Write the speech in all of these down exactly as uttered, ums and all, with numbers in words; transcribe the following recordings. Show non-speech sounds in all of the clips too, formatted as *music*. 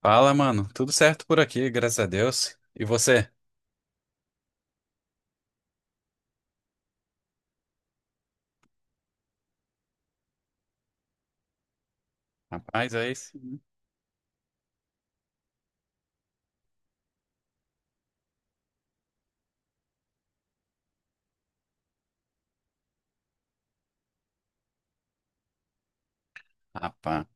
Fala, mano. Tudo certo por aqui, graças a Deus. E você? Rapaz, aí sim. Rapaz,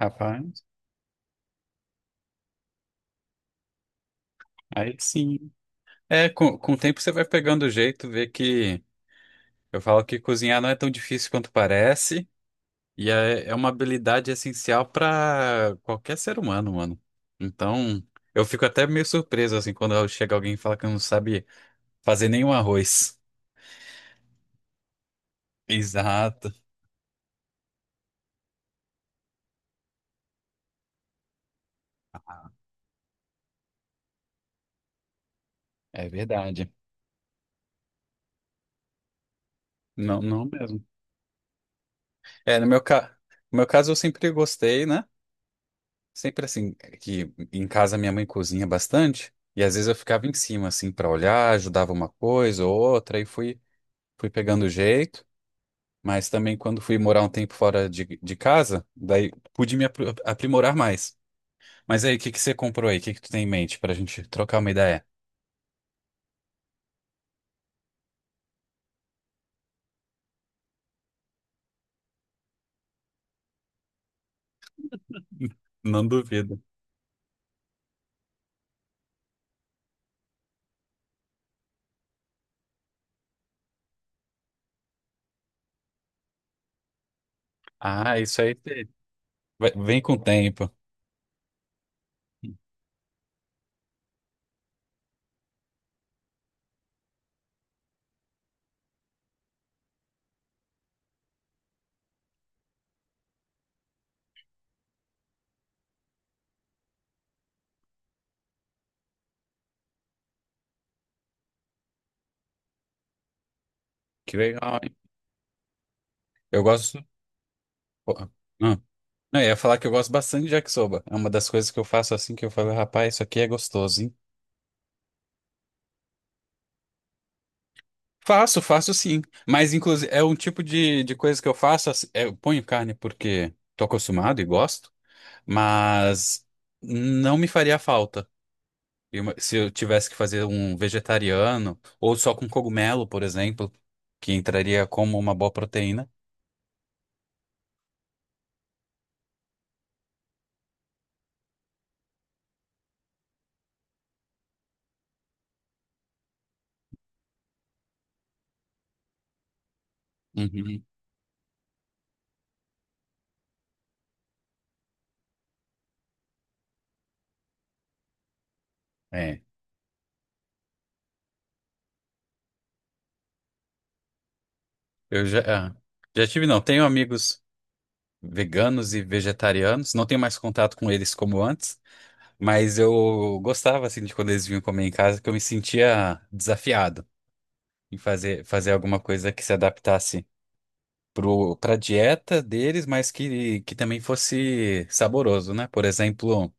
rapaz, aí sim. É, com, com o tempo você vai pegando o jeito, vê que eu falo que cozinhar não é tão difícil quanto parece, e é, é uma habilidade essencial para qualquer ser humano, mano. Então, eu fico até meio surpreso, assim, quando chega alguém e fala que não sabe fazer nenhum arroz. Exato. É verdade. Não, não mesmo. É, no meu, ca... No meu caso eu sempre gostei, né? Sempre assim, que em casa minha mãe cozinha bastante, e às vezes eu ficava em cima, assim, para olhar, ajudava uma coisa ou outra, e fui, fui pegando o jeito. Mas também quando fui morar um tempo fora de, de casa, daí pude me apro- aprimorar mais. Mas aí, o que que você comprou aí? O que que tu tem em mente pra gente trocar uma ideia? Não duvido. Ah, isso aí te- vai- vem com o tempo. Que legal, hein? Eu gosto. Pô, ah, não, eu ia falar que eu gosto bastante de yakisoba. É uma das coisas que eu faço assim que eu falo, rapaz, isso aqui é gostoso, hein? Faço, faço sim. Mas, inclusive, é um tipo de, de coisa que eu faço, assim, é, eu ponho carne porque tô acostumado e gosto, mas não me faria falta. E uma- se eu tivesse que fazer um vegetariano, ou só com cogumelo, por exemplo, que entraria como uma boa proteína. Uhum. É. Eu já, ah, já tive, Não, tenho amigos veganos e vegetarianos. Não tenho mais contato com eles como antes, mas eu gostava, assim, de quando eles vinham comer em casa, que eu me sentia desafiado em fazer, fazer alguma coisa que se adaptasse pro, pra dieta deles, mas que, que também fosse saboroso, né? Por exemplo,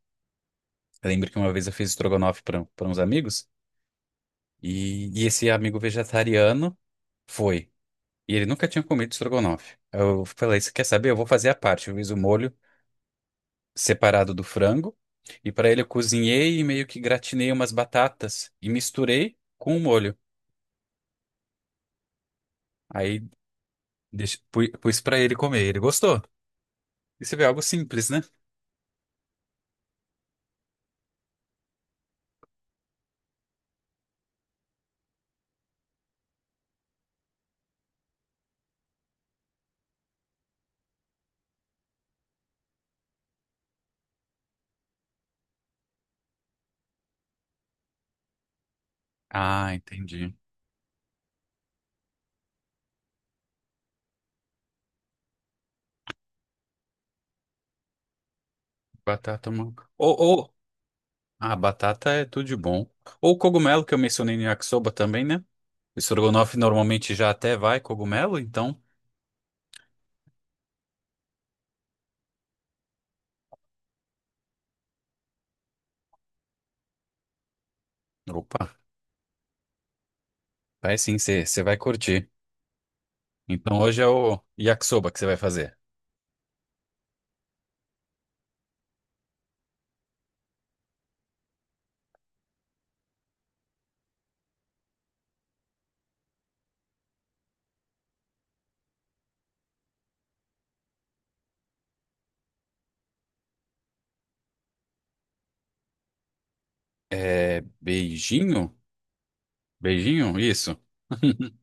eu lembro que uma vez eu fiz estrogonofe para uns amigos e, e esse amigo vegetariano foi. E ele nunca tinha comido estrogonofe. Eu falei, você quer saber? Eu vou fazer a parte. Eu fiz o molho separado do frango e para ele eu cozinhei e meio que gratinei umas batatas e misturei com o molho. Aí deixe- pu- pus para ele comer. Ele gostou. Isso é algo simples, né? Ah, entendi. Batata manca. Ou, ou... Ah, batata é tudo de bom. Ou o cogumelo que eu mencionei no yakisoba também, né? O estrogonofe normalmente já até vai cogumelo, então... Opa, vai sim, você vai curtir. Então hoje é o yakisoba que você vai fazer. É beijinho? Beijinho? Isso. *laughs*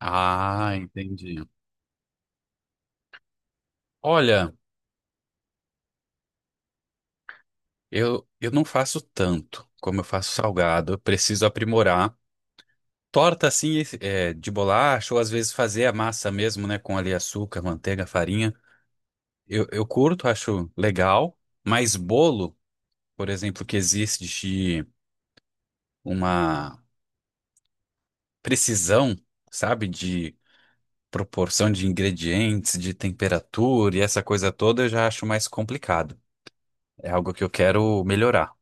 Ah, entendi. Olha, eu, eu não faço tanto como eu faço salgado. Eu preciso aprimorar. Torta assim, esse- é, de bolacha, ou às vezes fazer a massa mesmo, né, com ali açúcar, manteiga, farinha. Eu, eu curto, acho legal, mas bolo, por exemplo, que existe de uma precisão, sabe, de proporção de ingredientes, de temperatura e essa coisa toda, eu já acho mais complicado. É algo que eu quero melhorar.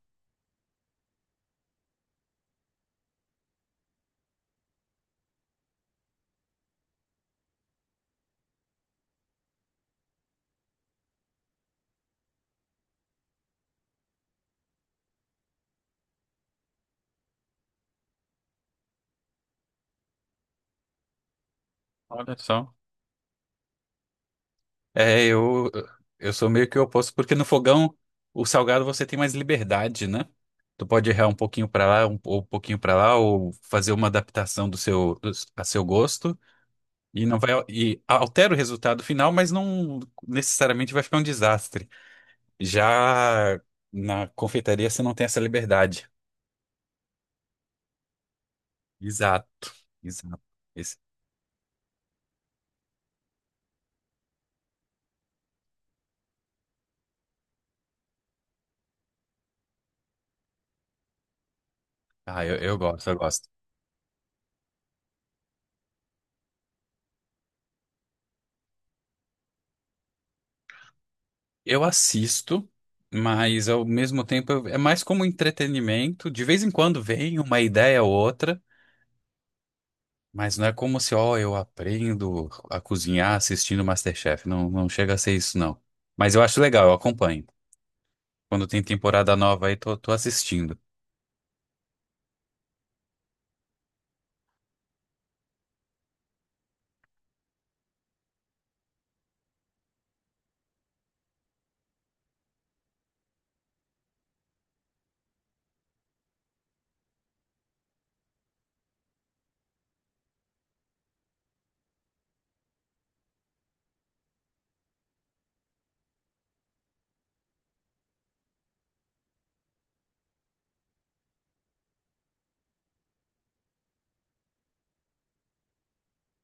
Olha só. É, eu, eu sou meio que o oposto, porque no fogão, o salgado você tem mais liberdade, né? Tu pode errar um pouquinho pra lá, um, ou um pouquinho pra lá, ou fazer uma adaptação do seu, do- a seu gosto, e não vai, e altera o resultado final, mas não necessariamente vai ficar um desastre. Já na confeitaria você não tem essa liberdade. Exato, exato. Esse- ah, eu, eu gosto, eu gosto. Eu assisto, mas ao mesmo tempo eu- é mais como entretenimento. De vez em quando vem uma ideia ou outra, mas não é como se, ó, eu aprendo a cozinhar assistindo MasterChef. Não, não chega a ser isso, não. Mas eu acho legal, eu acompanho. Quando tem temporada nova aí, tô, tô assistindo.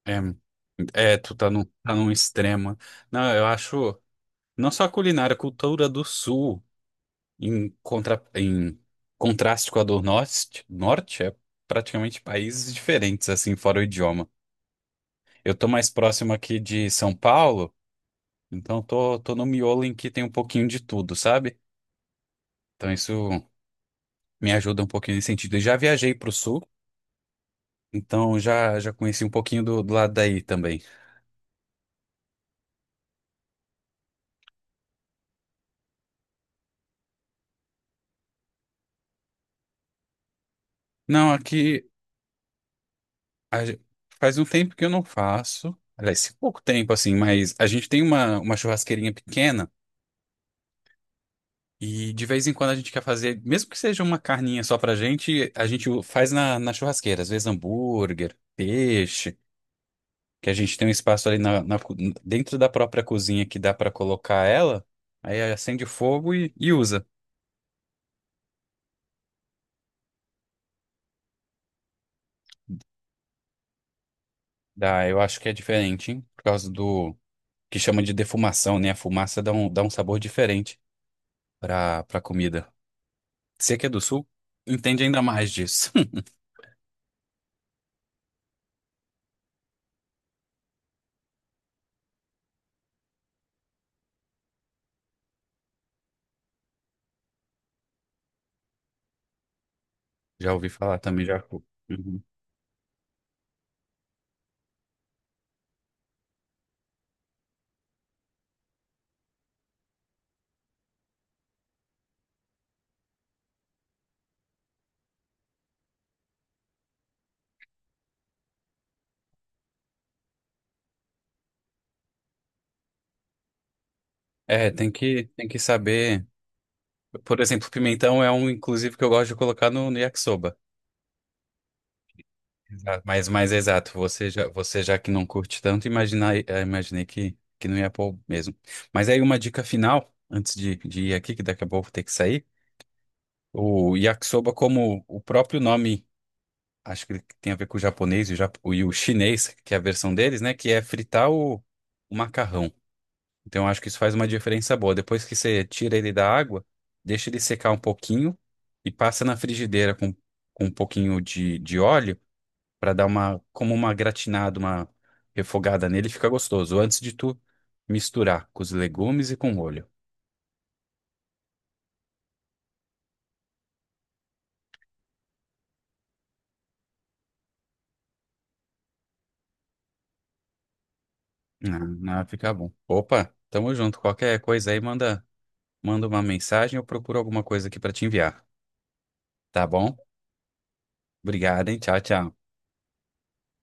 É, é, tu tá num, tá num extremo. Não, eu acho. Não só a culinária, a cultura do sul. Em, contra, em contraste com a do norte, norte, é praticamente países diferentes, assim, fora o idioma. Eu tô mais próximo aqui de São Paulo, então tô, tô no miolo em que tem um pouquinho de tudo, sabe? Então isso me ajuda um pouquinho nesse sentido. Eu já viajei pro sul, então já, já conheci um pouquinho do, do lado daí também. Não, aqui a ge- faz um tempo que eu não faço, aliás, pouco tempo, assim, mas a gente tem uma, uma churrasqueirinha pequena. E de vez em quando a gente quer fazer, mesmo que seja uma carninha só pra gente, a gente o- faz na, na churrasqueira, às vezes hambúrguer, peixe, que a gente tem um espaço ali na, na co- dentro da própria cozinha que dá pra colocar ela, aí acende o fogo e, e usa. Dá, eu acho que é diferente, hein? Por causa do que chama de defumação, né? A fumaça dá um, dá um sabor diferente pra, pra comida. Você que é do sul, entende ainda mais disso. *laughs* Já ouvi falar também, já. Uhum. É, tem que, tem que saber. Por exemplo, pimentão é um, inclusive, que eu gosto de colocar no, no yakisoba. Exato. Mas mais exato, você já, você já que não curte tanto, imaginar, eh, imaginei que, que não ia pôr mesmo. Mas aí uma dica final, antes de, de ir aqui, que daqui a pouco eu vou ter que sair. O yakisoba, como o próprio nome, acho que ele tem a ver com o japonês e o, japo- e o chinês, que é a versão deles, né? Que é fritar o, o macarrão. Então, eu acho que isso faz uma diferença boa. Depois que você tira ele da água, deixa ele secar um pouquinho e passa na frigideira com, com um pouquinho de, de óleo para dar uma, como uma gratinada, uma refogada nele, fica gostoso. Antes de tu misturar com os legumes e com o molho. Ah, ah, fica bom. Opa, tamo junto. Qualquer coisa aí, manda, manda uma mensagem, eu procuro alguma coisa aqui para te enviar. Tá bom? Obrigado, hein? Tchau, tchau.